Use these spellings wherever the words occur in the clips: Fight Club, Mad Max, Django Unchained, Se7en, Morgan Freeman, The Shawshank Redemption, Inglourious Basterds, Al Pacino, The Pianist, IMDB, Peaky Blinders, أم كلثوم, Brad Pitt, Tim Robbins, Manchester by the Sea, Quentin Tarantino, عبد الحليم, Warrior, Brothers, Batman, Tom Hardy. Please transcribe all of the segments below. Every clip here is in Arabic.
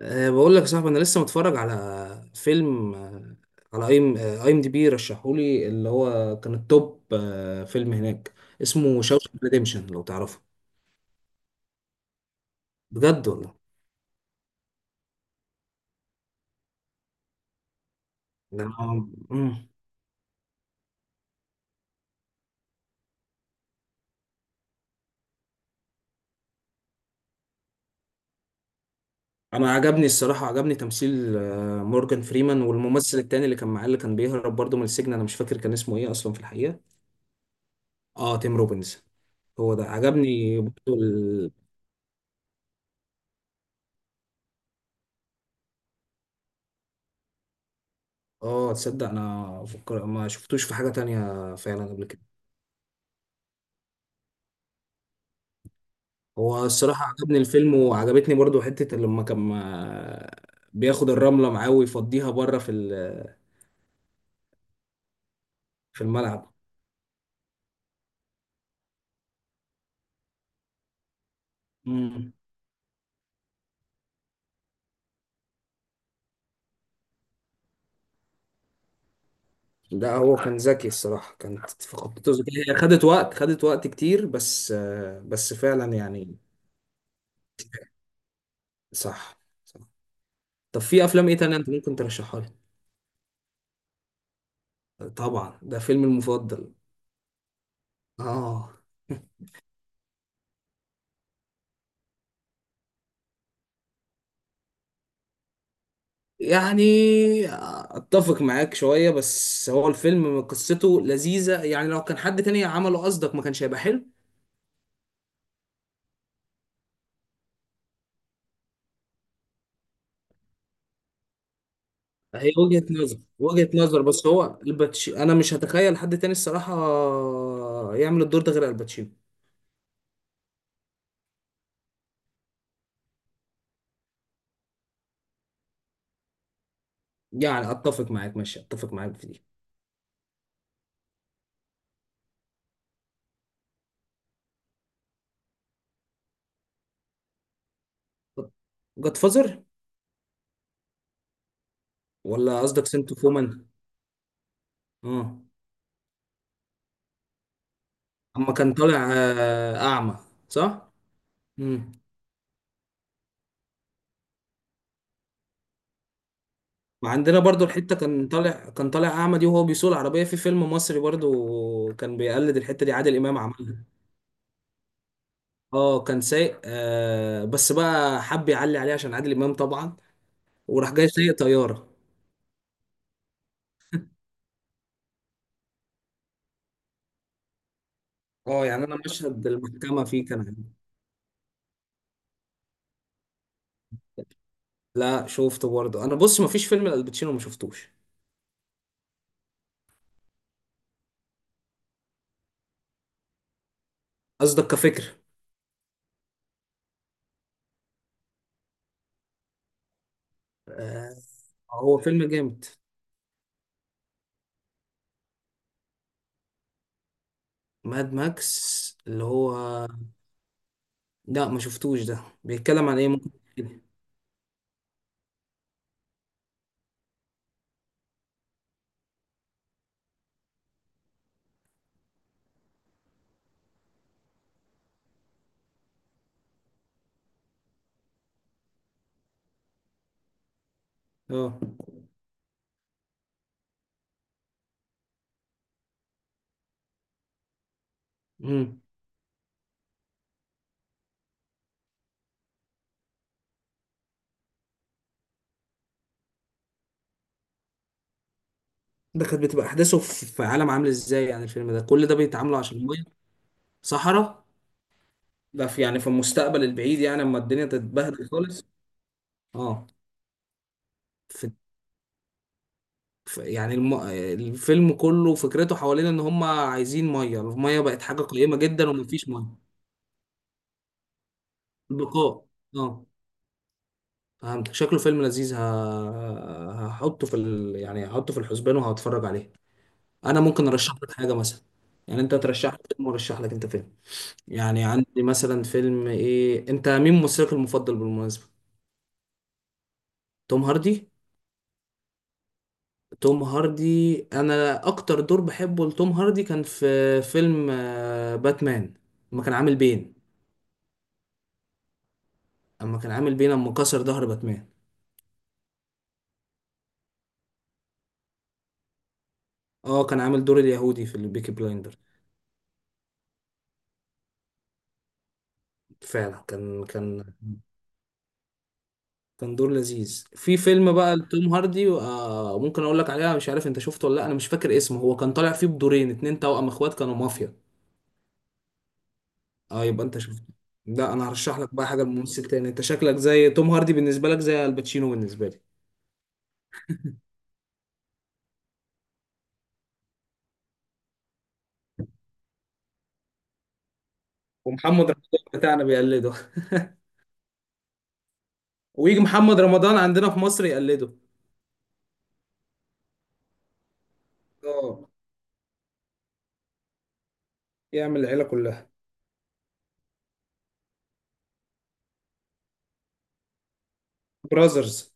بقول لك يا صاحبي، انا لسه متفرج على فيلم على اي ام اي ام دي بي. رشحولي اللي هو كان التوب، فيلم هناك اسمه شاوشانك ريديمشن لو تعرفه. بجد والله. ده انا مم. أنا عجبني الصراحه، عجبني تمثيل مورجان فريمان والممثل التاني اللي كان معاه، اللي كان بيهرب برضه من السجن. انا مش فاكر كان اسمه ايه اصلا في الحقيقه. اه، تيم روبنز. هو ده عجبني برضه. اه، تصدق، انا ما شفتوش في حاجه تانية فعلا قبل كده. هو الصراحة عجبني الفيلم، وعجبتني برضو حتة لما كان بياخد الرملة معاه ويفضيها بره في في الملعب. مم. ده هو كان ذكي الصراحة، كانت في خطته ذكية، هي خدت وقت خدت وقت كتير، بس بس فعلا يعني. صح. صح. طب في أفلام إيه تانية أنت ممكن ترشحها لي؟ طبعا، ده فيلمي المفضل. آه. يعني اتفق معاك شوية، بس هو الفيلم قصته لذيذة يعني. لو كان حد تاني عمله قصدك ما كانش هيبقى حلو. هي وجهة نظر، وجهة نظر. بس هو الباتشي انا مش هتخيل حد تاني الصراحة يعمل الدور ده غير الباتشينو. يعني اتفق معاك، ماشي، اتفق معاك في دي. جاد فازر. ولا قصدك سنت فومان؟ اه، اما كان طالع اعمى. صح. امم. وعندنا برضو الحتة كان طالع اعمى دي، وهو بيسوق العربية في فيلم مصري. برضو كان بيقلد الحتة دي، عادل امام عملها. اه، كان سايق بس بقى حب يعلي عليه عشان عادل امام طبعا. وراح جاي سايق طيارة. اه يعني، انا مشهد المحكمه فيه كان عندي. لا، شفته برضه. انا بص، مفيش فيلم لالباتشينو ما شفتوش. قصدك كفكره؟ آه، هو فيلم جامد. ماد ماكس اللي هو؟ لا ما شفتوش، ده بيتكلم عن ايه؟ ممكن تحكيلي؟ اه. امم. ده كانت بتبقى احداثه في عالم عامل ازاي؟ يعني الفيلم ده كل ده بيتعاملوا عشان ميه؟ صحراء. ده في يعني في المستقبل البعيد، يعني اما الدنيا تتبهدل خالص. اه. في يعني، الفيلم كله فكرته حوالين ان هم عايزين ميه، الميه بقت حاجه قيمه جدا ومفيش ميه. البقاء. اه، فهمتك، شكله فيلم لذيذ. يعني هحطه في الحسبان وهتفرج عليه. انا ممكن ارشح لك حاجه مثلا. يعني انت ترشح لي فيلم، وارشح لك انت فيلم. يعني عندي مثلا فيلم ايه. انت مين ممثلك المفضل بالمناسبه؟ توم هاردي؟ توم هاردي، انا اكتر دور بحبه لتوم هاردي كان في فيلم باتمان. لما كان عامل بين. اما كان عامل بيه لما كسر ظهر باتمان. اه، كان عامل دور اليهودي في البيكي بلايندر. فعلا كان. كان دور لذيذ. في فيلم بقى لتوم هاردي ممكن اقول لك عليها، مش عارف انت شفته ولا لا. انا مش فاكر اسمه، هو كان طالع فيه بدورين اتنين، توأم اخوات كانوا مافيا. اه، يبقى انت شفته. لا، انا هرشح لك بقى حاجه لممثل تاني. انت شكلك زي توم هاردي بالنسبه لك زي الباتشينو بالنسبه لي. ومحمد رمضان بتاعنا بيقلده ويجي محمد رمضان عندنا في مصر يقلده. اه، يعمل العيله كلها. براذرز.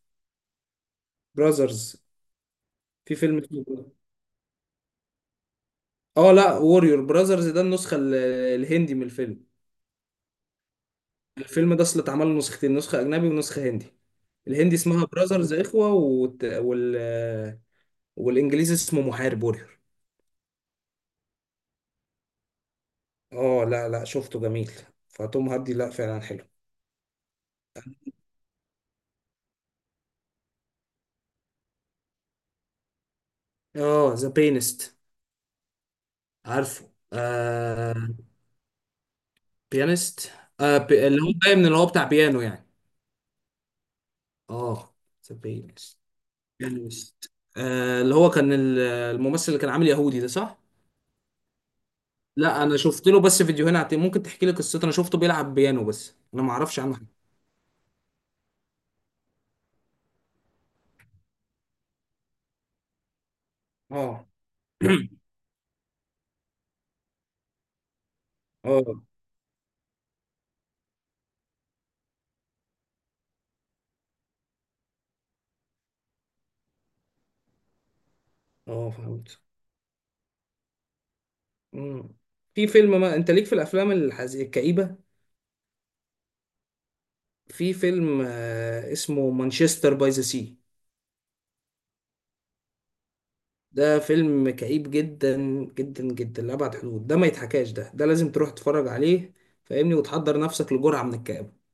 براذرز. في فيلم اسمه. اه، لا، ووريور براذرز، ده النسخة الهندي من الفيلم. الفيلم ده اصل اتعمل له نسختين، نسخة أجنبي ونسخة هندي. الهندي اسمها براذرز إخوة، والإنجليزي اسمه محارب ووريور. اه، لا لا، شفته جميل. فتوم هاردي لا فعلا حلو. اه، ذا بيانست. عارفه، آه؟ بيانست. اللي هو باين اللي هو بتاع بيانو يعني. اه. ذا بيانست. بيانست. اللي هو كان الممثل اللي كان عامل يهودي ده، صح؟ لا، انا شفت له بس فيديوهين على ممكن تحكي لي قصته؟ انا شفته بيلعب بيانو بس انا ما اعرفش عنه حاجه. اه. اه. اه، فهمت. مم. في فيلم، ما انت ليك في الافلام الكئيبه. في فيلم اسمه مانشستر باي ذا سي. ده فيلم كئيب جدا جدا جدا لأبعد حدود، ده ما يتحكاش، ده لازم تروح تتفرج عليه. فاهمني، وتحضر نفسك لجرعه من الكآبه.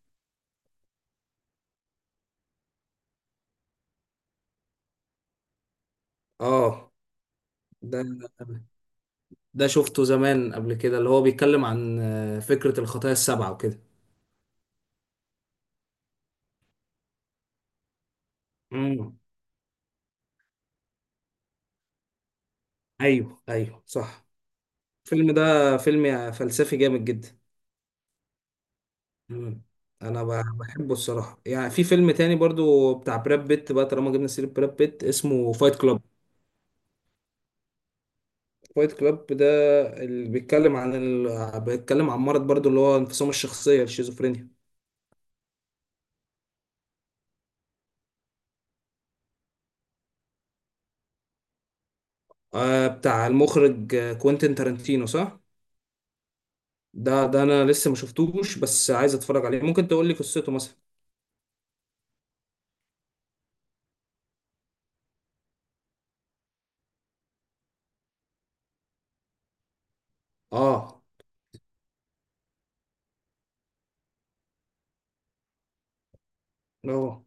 اه. ده ده شفته زمان قبل كده، اللي هو بيتكلم عن فكره الخطايا السبعه وكده. مم. ايوه، ايوه، صح. الفيلم ده فيلم فلسفي جامد جدا. مم. انا بحبه الصراحه يعني. في فيلم تاني برضو بتاع براد بيت بقى، طالما جبنا سيره براد بيت، اسمه فايت كلاب. فايت كلاب ده اللي بيتكلم عن بيتكلم عن مرض برضو اللي هو انفصام الشخصيه الشيزوفرينيا. بتاع المخرج كوينتين تارانتينو، صح؟ ده انا لسه ما شفتوش بس عايز اتفرج عليه، ممكن تقول لي قصته مثلا؟ اه. اه،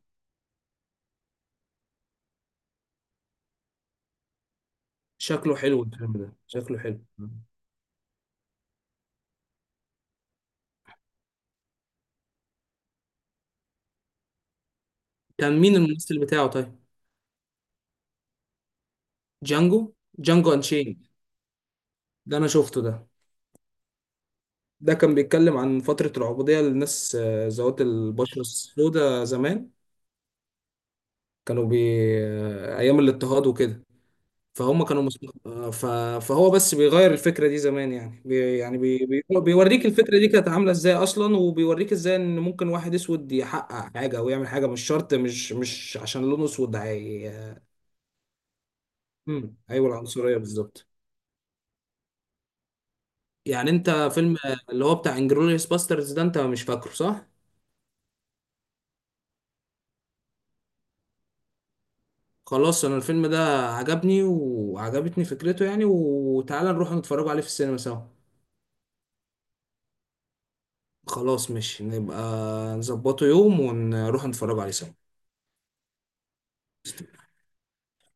شكله حلو الفيلم ده، شكله حلو. كان مين الممثل بتاعه طيب؟ جانجو؟ جانجو انشين. ده انا شفته ده. ده كان بيتكلم عن فترة العبودية للناس، ذوات البشرة السوداء زمان. كانوا. ايام الاضطهاد وكده. فهم كانوا. آه، ف... فهو بس بيغير الفكرة دي زمان، يعني بيوريك الفكرة دي كانت عاملة ازاي اصلا، وبيوريك ازاي ان ممكن واحد اسود يحقق حاجة او يعمل حاجة. مش شرط مش عشان لونه اسود. مم. ايوه، العنصرية بالظبط. يعني انت فيلم اللي هو بتاع انجلوريوس باسترز ده، انت مش فاكره صح؟ خلاص، انا الفيلم ده عجبني وعجبتني فكرته يعني، وتعالى نروح نتفرج عليه في السينما سوا. خلاص ماشي، نبقى نظبطه يوم ونروح نتفرج عليه سوا.